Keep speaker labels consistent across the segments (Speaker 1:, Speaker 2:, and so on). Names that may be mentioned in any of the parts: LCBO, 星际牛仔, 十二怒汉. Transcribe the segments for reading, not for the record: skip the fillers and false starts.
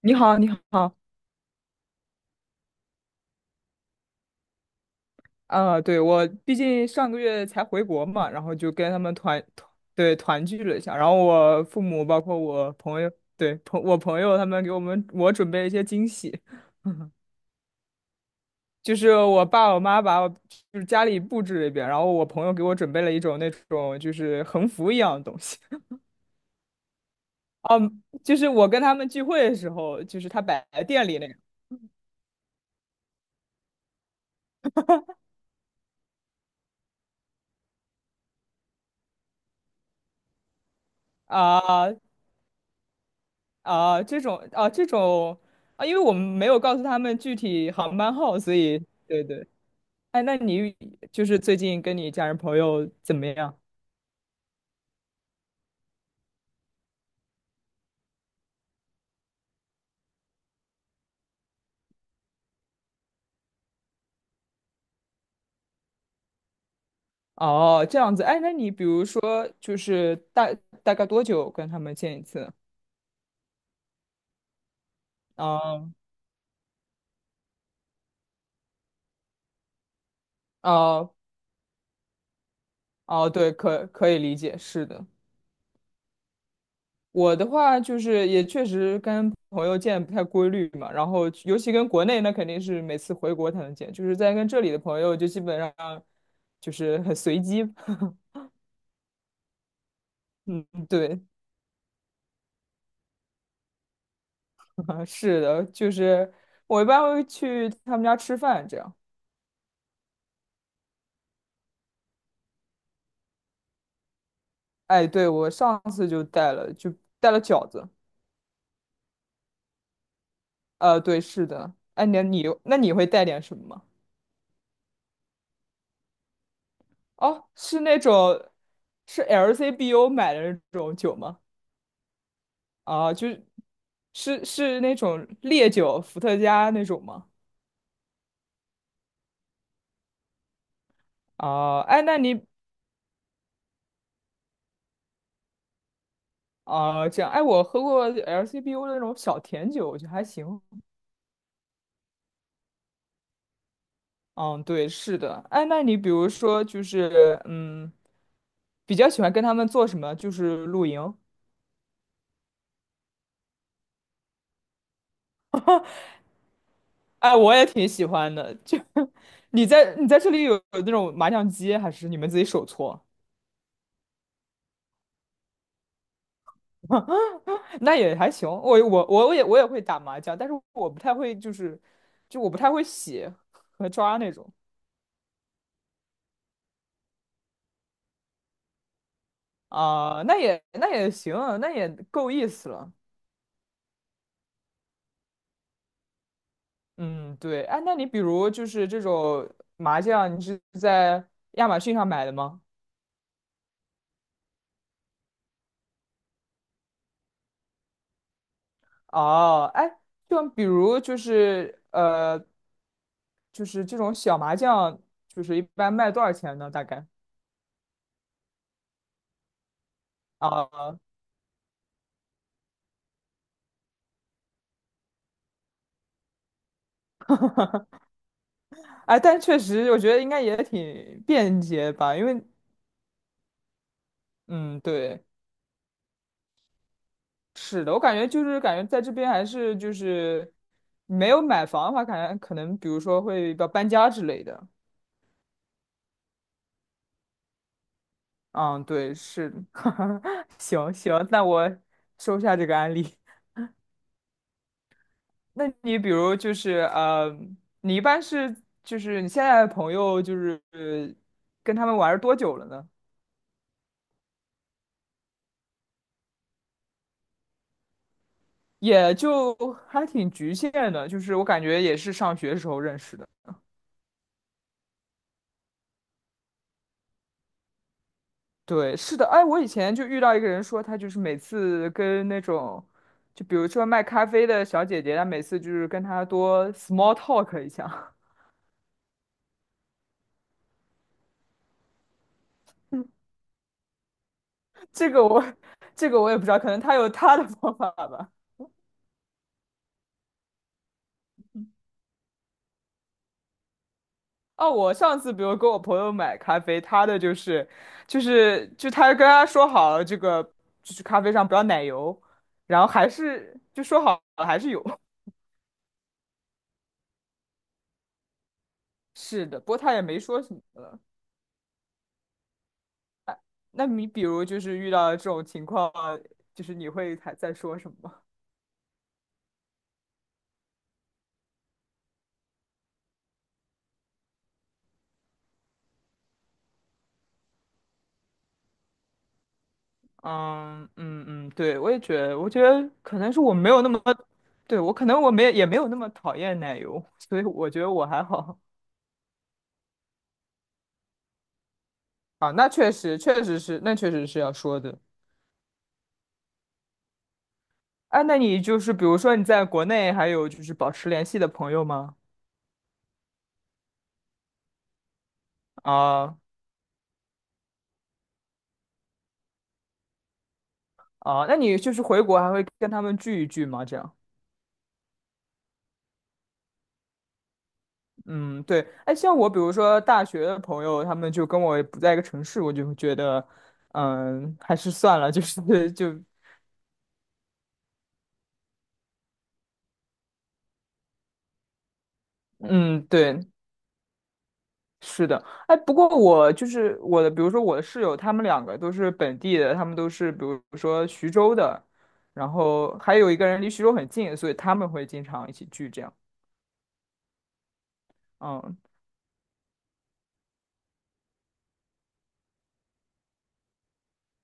Speaker 1: 你好，你好。我毕竟上个月才回国嘛，然后就跟他们团聚了一下。然后我父母包括我朋友，朋友他们给我准备了一些惊喜。就是我爸我妈把我家里布置了一遍，然后我朋友给我准备了一种那种就是横幅一样的东西。嗯，就是我跟他们聚会的时候，就是他摆在店里那个。啊这种啊，啊，因为我们没有告诉他们具体航班号，所以对对。哎，那你就是最近跟你家人朋友怎么样？哦，这样子。哎，那你比如说大概多久跟他们见一次？啊哦哦，对，可以理解，是的。我的话就是也确实跟朋友见不太规律嘛，然后尤其跟国内那肯定是每次回国才能见，就是在跟这里的朋友就基本上就是很随机。嗯，对。是的，就是我一般会去他们家吃饭，这样。哎，对，我上次就带了，带了饺子。对，是的。哎，你那你会带点什么吗？哦，是那种是 LCBO 买的那种酒吗？啊，是那种烈酒，伏特加那种吗？啊，哎，那你啊这样，哎，我喝过 LCBO 的那种小甜酒，我觉得还行。嗯，对，是的。哎，那你比如说就是，比较喜欢跟他们做什么？就是露营。哎，我也挺喜欢的。就 你在这里有那种麻将机，还是你们自己手搓？那也还行。我也会打麻将，但是我不太会，就我不太会洗和抓那种。那那也行，那也够意思了。嗯，对。哎，那你比如就是这种麻将，你是在亚马逊上买的吗？哦，哎，就比如就是就是这种小麻将，就是一般卖多少钱呢？大概啊。哎，但确实我觉得应该也挺便捷吧，因为嗯，对，是的。我感觉感觉在这边还是就是没有买房的话，感觉可能比如说会要搬家之类的。嗯，对，是的。行行，那我收下这个案例。那你比如就是你一般是就是你现在的朋友就是跟他们玩儿多久了呢？也就还挺局限的，就是我感觉也是上学时候认识的。对，是的。哎，我以前就遇到一个人说，他就是每次跟那种，就比如说卖咖啡的小姐姐，她每次就是跟她多 small talk 一下。这个我，这个我也不知道，可能他有他的方法吧。哦，我上次比如跟我朋友买咖啡，他的就是，就是就他跟他说好了，咖啡上不要奶油，然后还是说好了还是有。是的，不过他也没说什么了。那你比如就是遇到这种情况，就是你会还在说什么吗？嗯，对，我也觉得，我觉得可能是我没有那么，对，我可能我没也没有那么讨厌奶油，所以我觉得我还好。啊，那确实是，那确实是要说的。哎，那你就是比如说你在国内还有就是保持联系的朋友吗？啊啊，那你就是回国还会跟他们聚一聚吗？这样。嗯，对。哎，像我比如说大学的朋友，他们就跟我不在一个城市，我就会觉得，嗯，还是算了，就是 就，嗯，对，是的。哎，不过我就是我的，比如说我的室友，他们两个都是本地的，他们都是比如说徐州的，然后还有一个人离徐州很近，所以他们会经常一起聚这样。嗯。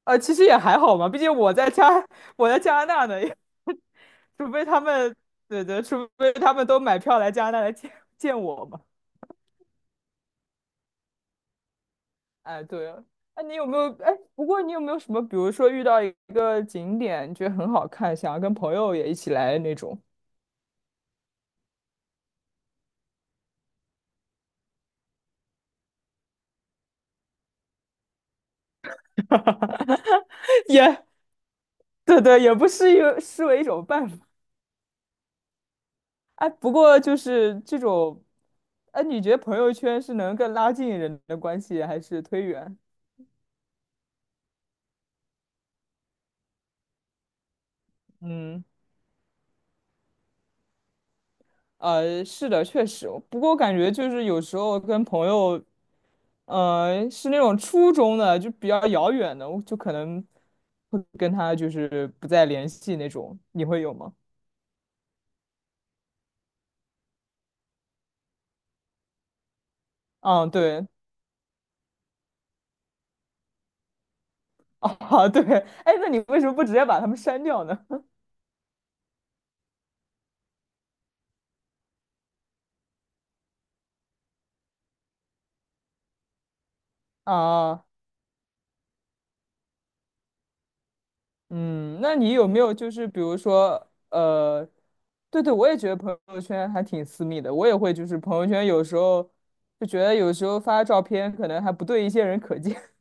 Speaker 1: 其实也还好嘛，毕竟我在加拿大呢，也 除非他们，对对，除非他们都买票来加拿大来见 见我嘛。哎，对了，哎，你有没有？哎，不过你有没有什么，比如说遇到一个景点，你觉得很好看，想要跟朋友也一起来那种？也对对，也不是视为一种办法。哎，不过就是这种，哎，你觉得朋友圈是能更拉近人的关系，还是推远？嗯。是的，确实。不过我感觉就是有时候跟朋友，是那种初中的，就比较遥远的，我就可能会跟他就是不再联系那种。你会有吗？嗯，对。啊，对。哎，那你为什么不直接把他们删掉呢？啊。嗯，那你有没有就是比如说，对对，我也觉得朋友圈还挺私密的，我也会就是朋友圈有时候发照片可能还不对一些人可见。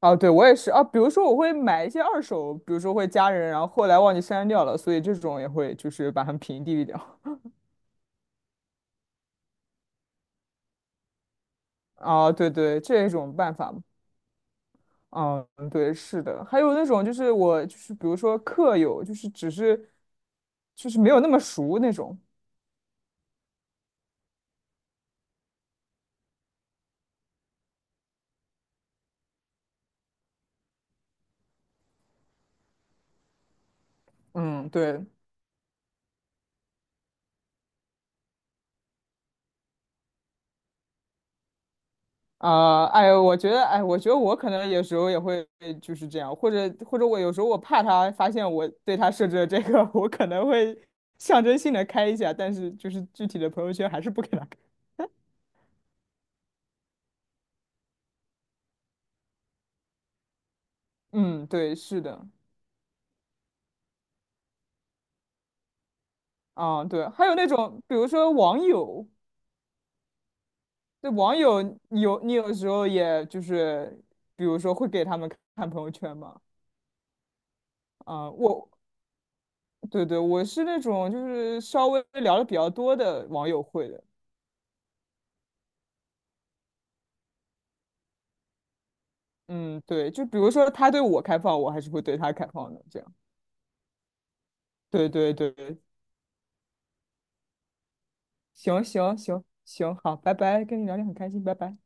Speaker 1: 啊，对，我也是啊。比如说，我会买一些二手，比如说会加人，然后后来忘记删掉了，所以这种也会就是把它们屏蔽掉。啊，对对，这一种办法嘛。嗯，对，是的。还有那种就是我就是比如说客友，就是只是就是没有那么熟那种。嗯，对。哎，我觉得，哎，我觉得我可能有时候也会就是这样，或者我有时候我怕他发现我对他设置了这个。我可能会象征性的开一下，但是就是具体的朋友圈还是不给他嗯，对，是的。啊，对，还有那种，比如说网友。对网友，你有时候也就是，比如说会给他们看朋友圈嘛。啊，我，对对，我是那种就是稍微聊的比较多的网友会的。嗯，对，就比如说他对我开放，我还是会对他开放的，这样，对对对。行行行行，好，拜拜，跟你聊天很开心，拜拜。